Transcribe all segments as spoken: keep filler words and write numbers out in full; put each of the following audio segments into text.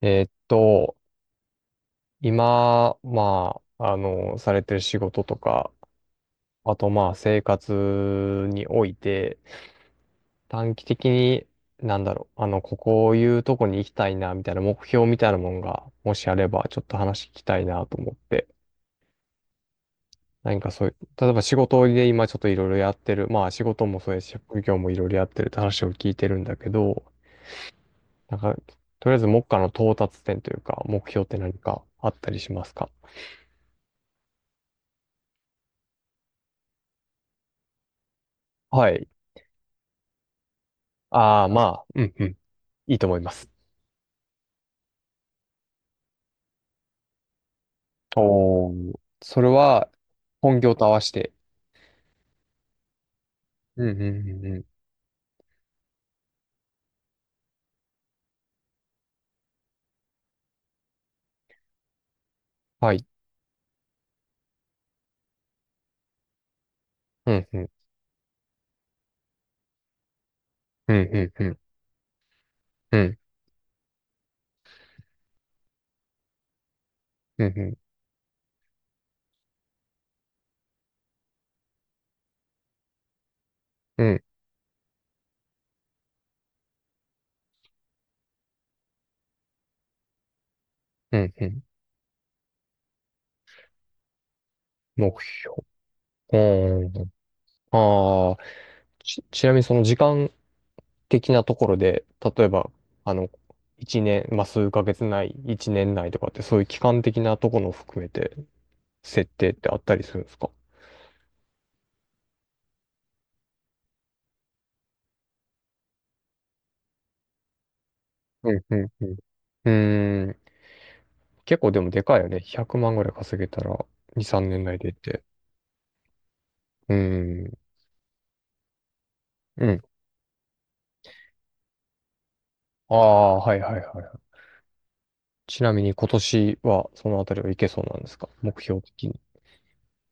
えーっと、今、まあ、あの、されてる仕事とか、あとまあ、生活において、短期的に、なんだろう、あの、ここいうとこに行きたいな、みたいな目標みたいなもんが、もしあれば、ちょっと話聞きたいなと思って、何かそういう、例えば仕事で今ちょっといろいろやってる、まあ、仕事もそうやし、職業もいろいろやってるって話を聞いてるんだけど、なんか、とりあえず目下の到達点というか、目標って何かあったりしますか？はい。ああ、まあ、うんうん。いいと思います。おー、それは本業と合わせて。うんうんうんうん。はい。うんうん。うんうんうん。うんうんうん。うんうん。目標。うーん。ああ、ち、ちなみにその時間的なところで、例えば、あの、一年、まあ、数ヶ月内、一年内とかって、そういう期間的なところを含めて、設定ってあったりするんですか？うんうんうん。うん。結構でもでかいよね。ひゃくまんぐらい稼げたら、に、さんねん内でって。うん。うん。ああ、はいはいはいはい。ちなみに今年はそのあたりはいけそうなんですか目標的に？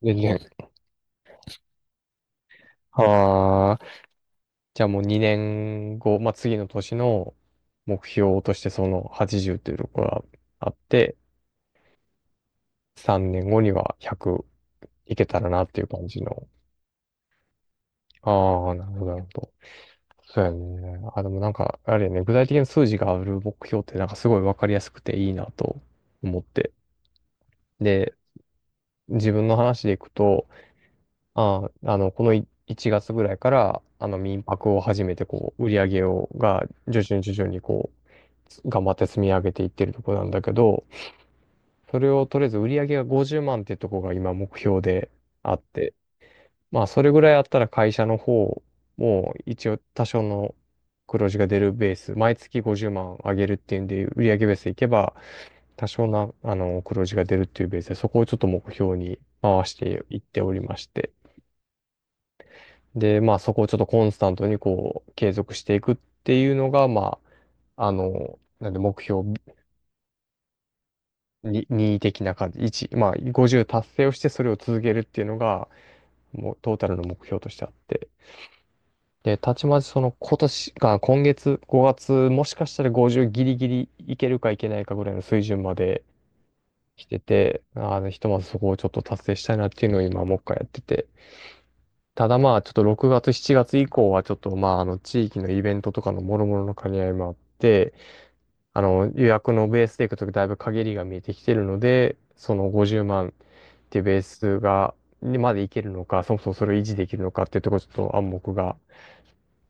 全然。ああ。じゃあもうにねんご、まあ、次の年の目標としてそのはちじゅうというところがあって、さんねんごにはひゃくいけたらなっていう感じの。ああ、なるほど、なるほど。そうやね。あ、でもなんか、あれやね、具体的な数字がある目標ってなんかすごいわかりやすくていいなと思って。で、自分の話でいくと、あ、あの、このいいちがつぐらいから、あの、民泊を始めて、こう、売り上げを、が、徐々に徐々にこう、頑張って積み上げていってるとこなんだけど、それをとりあえず売り上げがごじゅうまんってとこが今目標であって、まあ、それぐらいあったら会社の方も一応多少の黒字が出るベース、毎月ごじゅうまん上げるっていうんで、売上ベースでいけば多少な、あの、黒字が出るっていうベースで、そこをちょっと目標に回していっておりまして。で、まあ、そこをちょっとコンスタントにこう、継続していくっていうのが、まあ、あの、なんで目標にに的な感じ、いち、まあ、ごじゅう達成をしてそれを続けるっていうのが、もうトータルの目標としてあって。で、たちまちその今年が、今月、ごがつ、もしかしたらごじゅうギリギリいけるかいけないかぐらいの水準まで来てて、あの、ひとまずそこをちょっと達成したいなっていうのを今もう一回やってて。ただまあ、ちょっとろくがつ、しちがつ以降はちょっとまあ、あの、地域のイベントとかの諸々の兼ね合いもあって、あの、予約のベースでいくとだいぶ限りが見えてきてるので、そのごじゅうまんっていうベースが、にまでいけるのか、そもそもそれを維持できるのかっていうところちょっと暗黙が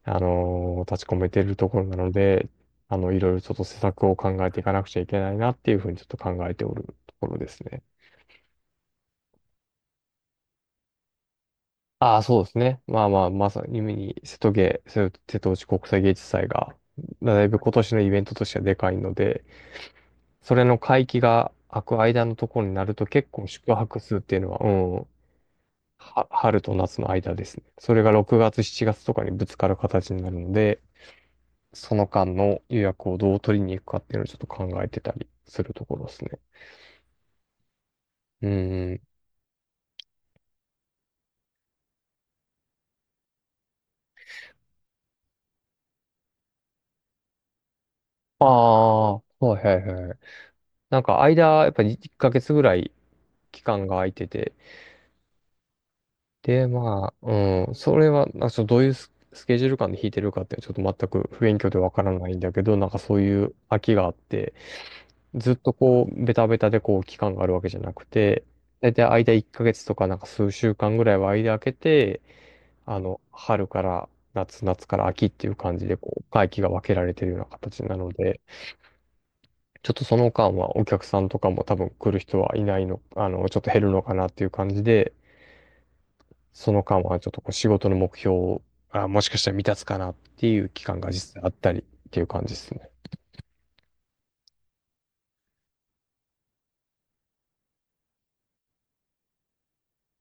あのー立ち込めてるところなので、あの、いろいろちょっと施策を考えていかなくちゃいけないなっていうふうにちょっと考えておるところですね。ああ、そうですね。まあまあ、まさに夢に瀬戸芸、瀬瀬戸内国際芸術祭が、だいぶ今年のイベントとしてはでかいので、それの会期が空く間のところになると結構宿泊数っていうのは、うん、は春と夏の間ですね。それがろくがつ、しちがつとかにぶつかる形になるので、その間の予約をどう取りに行くかっていうのをちょっと考えてたりするところですね。うん。ああ、はいはいはい。なんか間、やっぱりいっかげつぐらい期間が空いてて、で、まあ、うん、それは、なんかちょっとどういうススケジュール感で弾いてるかってちょっと全く不勉強でわからないんだけど、なんかそういう空きがあって、ずっとこう、ベタベタでこう、期間があるわけじゃなくて、大体間いっかげつとかなんか数週間ぐらいは間空けて、あの、春から夏、夏から秋っていう感じで、こう、会期が分けられてるような形なので、ちょっとその間はお客さんとかも多分来る人はいないの、あの、ちょっと減るのかなっていう感じで、その間はちょっとこう仕事の目標を、あ、もしかしたら未達かなっていう期間が実際あったりっていう感じですね。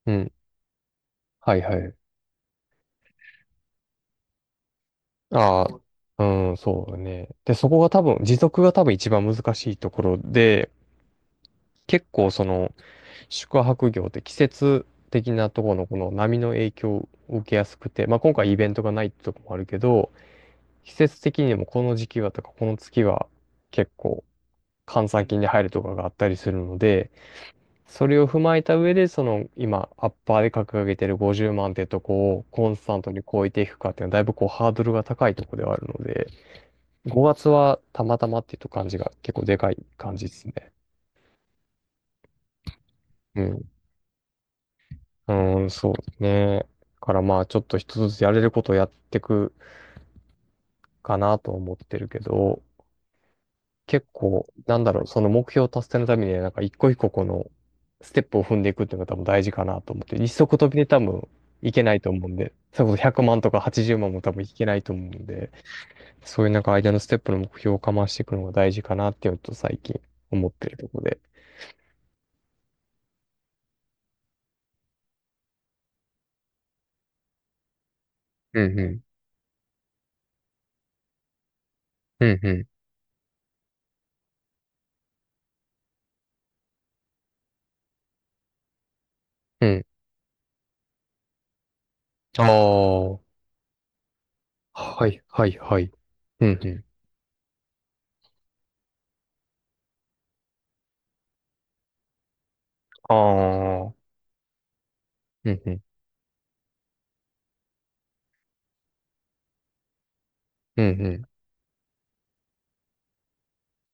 うん。はいはい。ああ、うん、そうだね。で、そこが多分、持続が多分一番難しいところで、結構その、宿泊業って季節的なところのこの波の影響を受けやすくて、まあ、今回イベントがないってとこもあるけど、季節的にもこの時期はとかこの月は結構閑散期に入るとかがあったりするので、それを踏まえた上で、その今アッパーで掲げてるごじゅうまんってとこをコンスタントに超えていくかっていうのはだいぶこうハードルが高いところではあるので、ごがつはたまたまっていうと感じが結構でかい感じですね。うん。うん、そうね。だからまあちょっと一つずつやれることをやっていくかなと思ってるけど、結構、なんだろう、その目標達成のためにはなんか一個一個このステップを踏んでいくっていうのが多分大事かなと思って、一足飛びで多分いけないと思うんで、それこそひゃくまんとかはちじゅうまんも多分いけないと思うんで、そういうなんか間のステップの目標をかましていくのが大事かなっていうのと最近思ってるところで。うんうん。うんうん。うん。ああ。はいはいはい。うんうん。ああ。うん、うん、うん、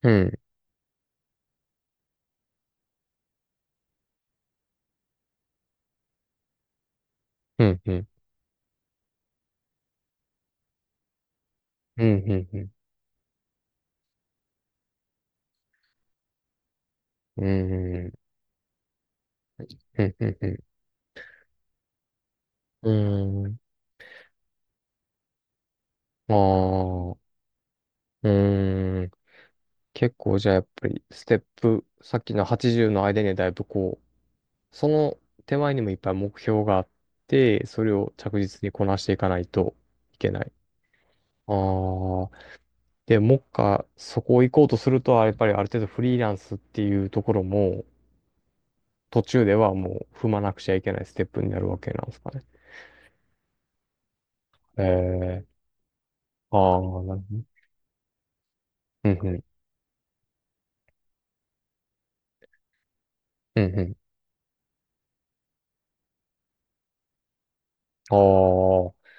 うん、うん、うん、うん、うん、うん、うん、うん、うん、うん、うんああ、うん。結構じゃあやっぱり、ステップ、さっきのはちじゅうの間にはだいぶこう、その手前にもいっぱい目標があって、それを着実にこなしていかないといけない。ああ、で、もっか、そこを行こうとすると、やっぱりある程度フリーランスっていうところも、途中ではもう踏まなくちゃいけないステップになるわけなんですかね？えああ、なるほど。うんうん。うんうん。ああ。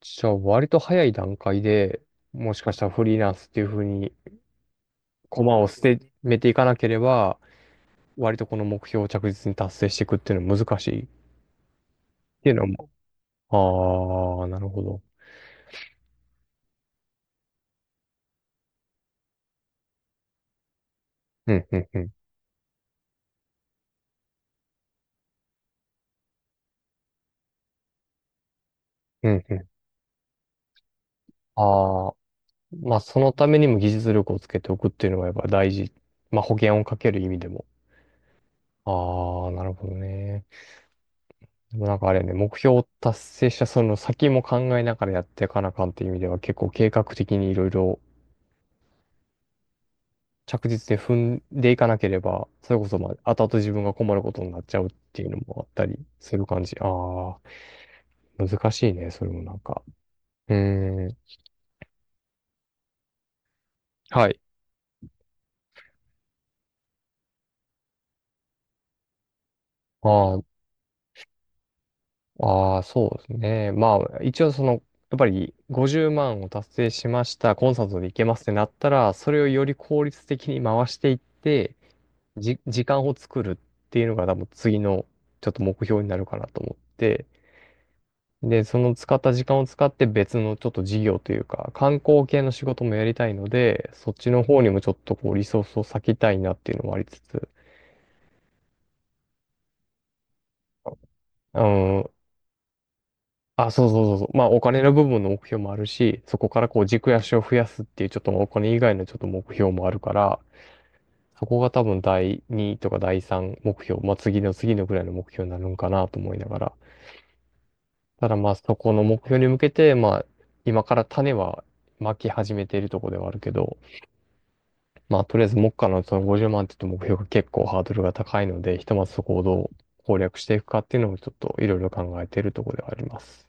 じゃあ、割と早い段階で、もしかしたらフリーランスっていうふうに、駒を捨て、めていかなければ、割とこの目標を着実に達成していくっていうのは難しいっていうのも。ああ、なるほど。うんうんうん。うんうん。ああ。まあ、そのためにも技術力をつけておくっていうのがやっぱ大事。まあ、保険をかける意味でも。ああ、なるほどね。でもなんかあれね、目標を達成したその先も考えながらやっていかなあかんっていう意味では結構計画的にいろいろ着実に踏んでいかなければ、それこそまあ後々自分が困ることになっちゃうっていうのもあったりする感じ。ああ、難しいね、それもなんか。うーん。はい。あーあー、そうですね。まあ、一応その、やっぱりごじゅうまんを達成しました、コンサートで行けますってなったら、それをより効率的に回していって、じ、時間を作るっていうのが多分次のちょっと目標になるかなと思って、で、その使った時間を使って別のちょっと事業というか、観光系の仕事もやりたいので、そっちの方にもちょっとこうリソースを割きたいなっていうのもありつつ、うん、あ、そうそうそうそう、まあお金の部分の目標もあるし、そこからこう軸足を増やすっていうちょっとお金以外のちょっと目標もあるから、そこが多分だいにとかだいさん目標、まあ次の次のぐらいの目標になるんかなと思いながら。ただまあそこの目標に向けて、まあ今から種はまき始めているところではあるけど、まあとりあえず目下のそのごじゅうまんって言うと目標が結構ハードルが高いので、ひとまずそこをどう攻略していくかっていうのをちょっといろいろ考えているところではあります。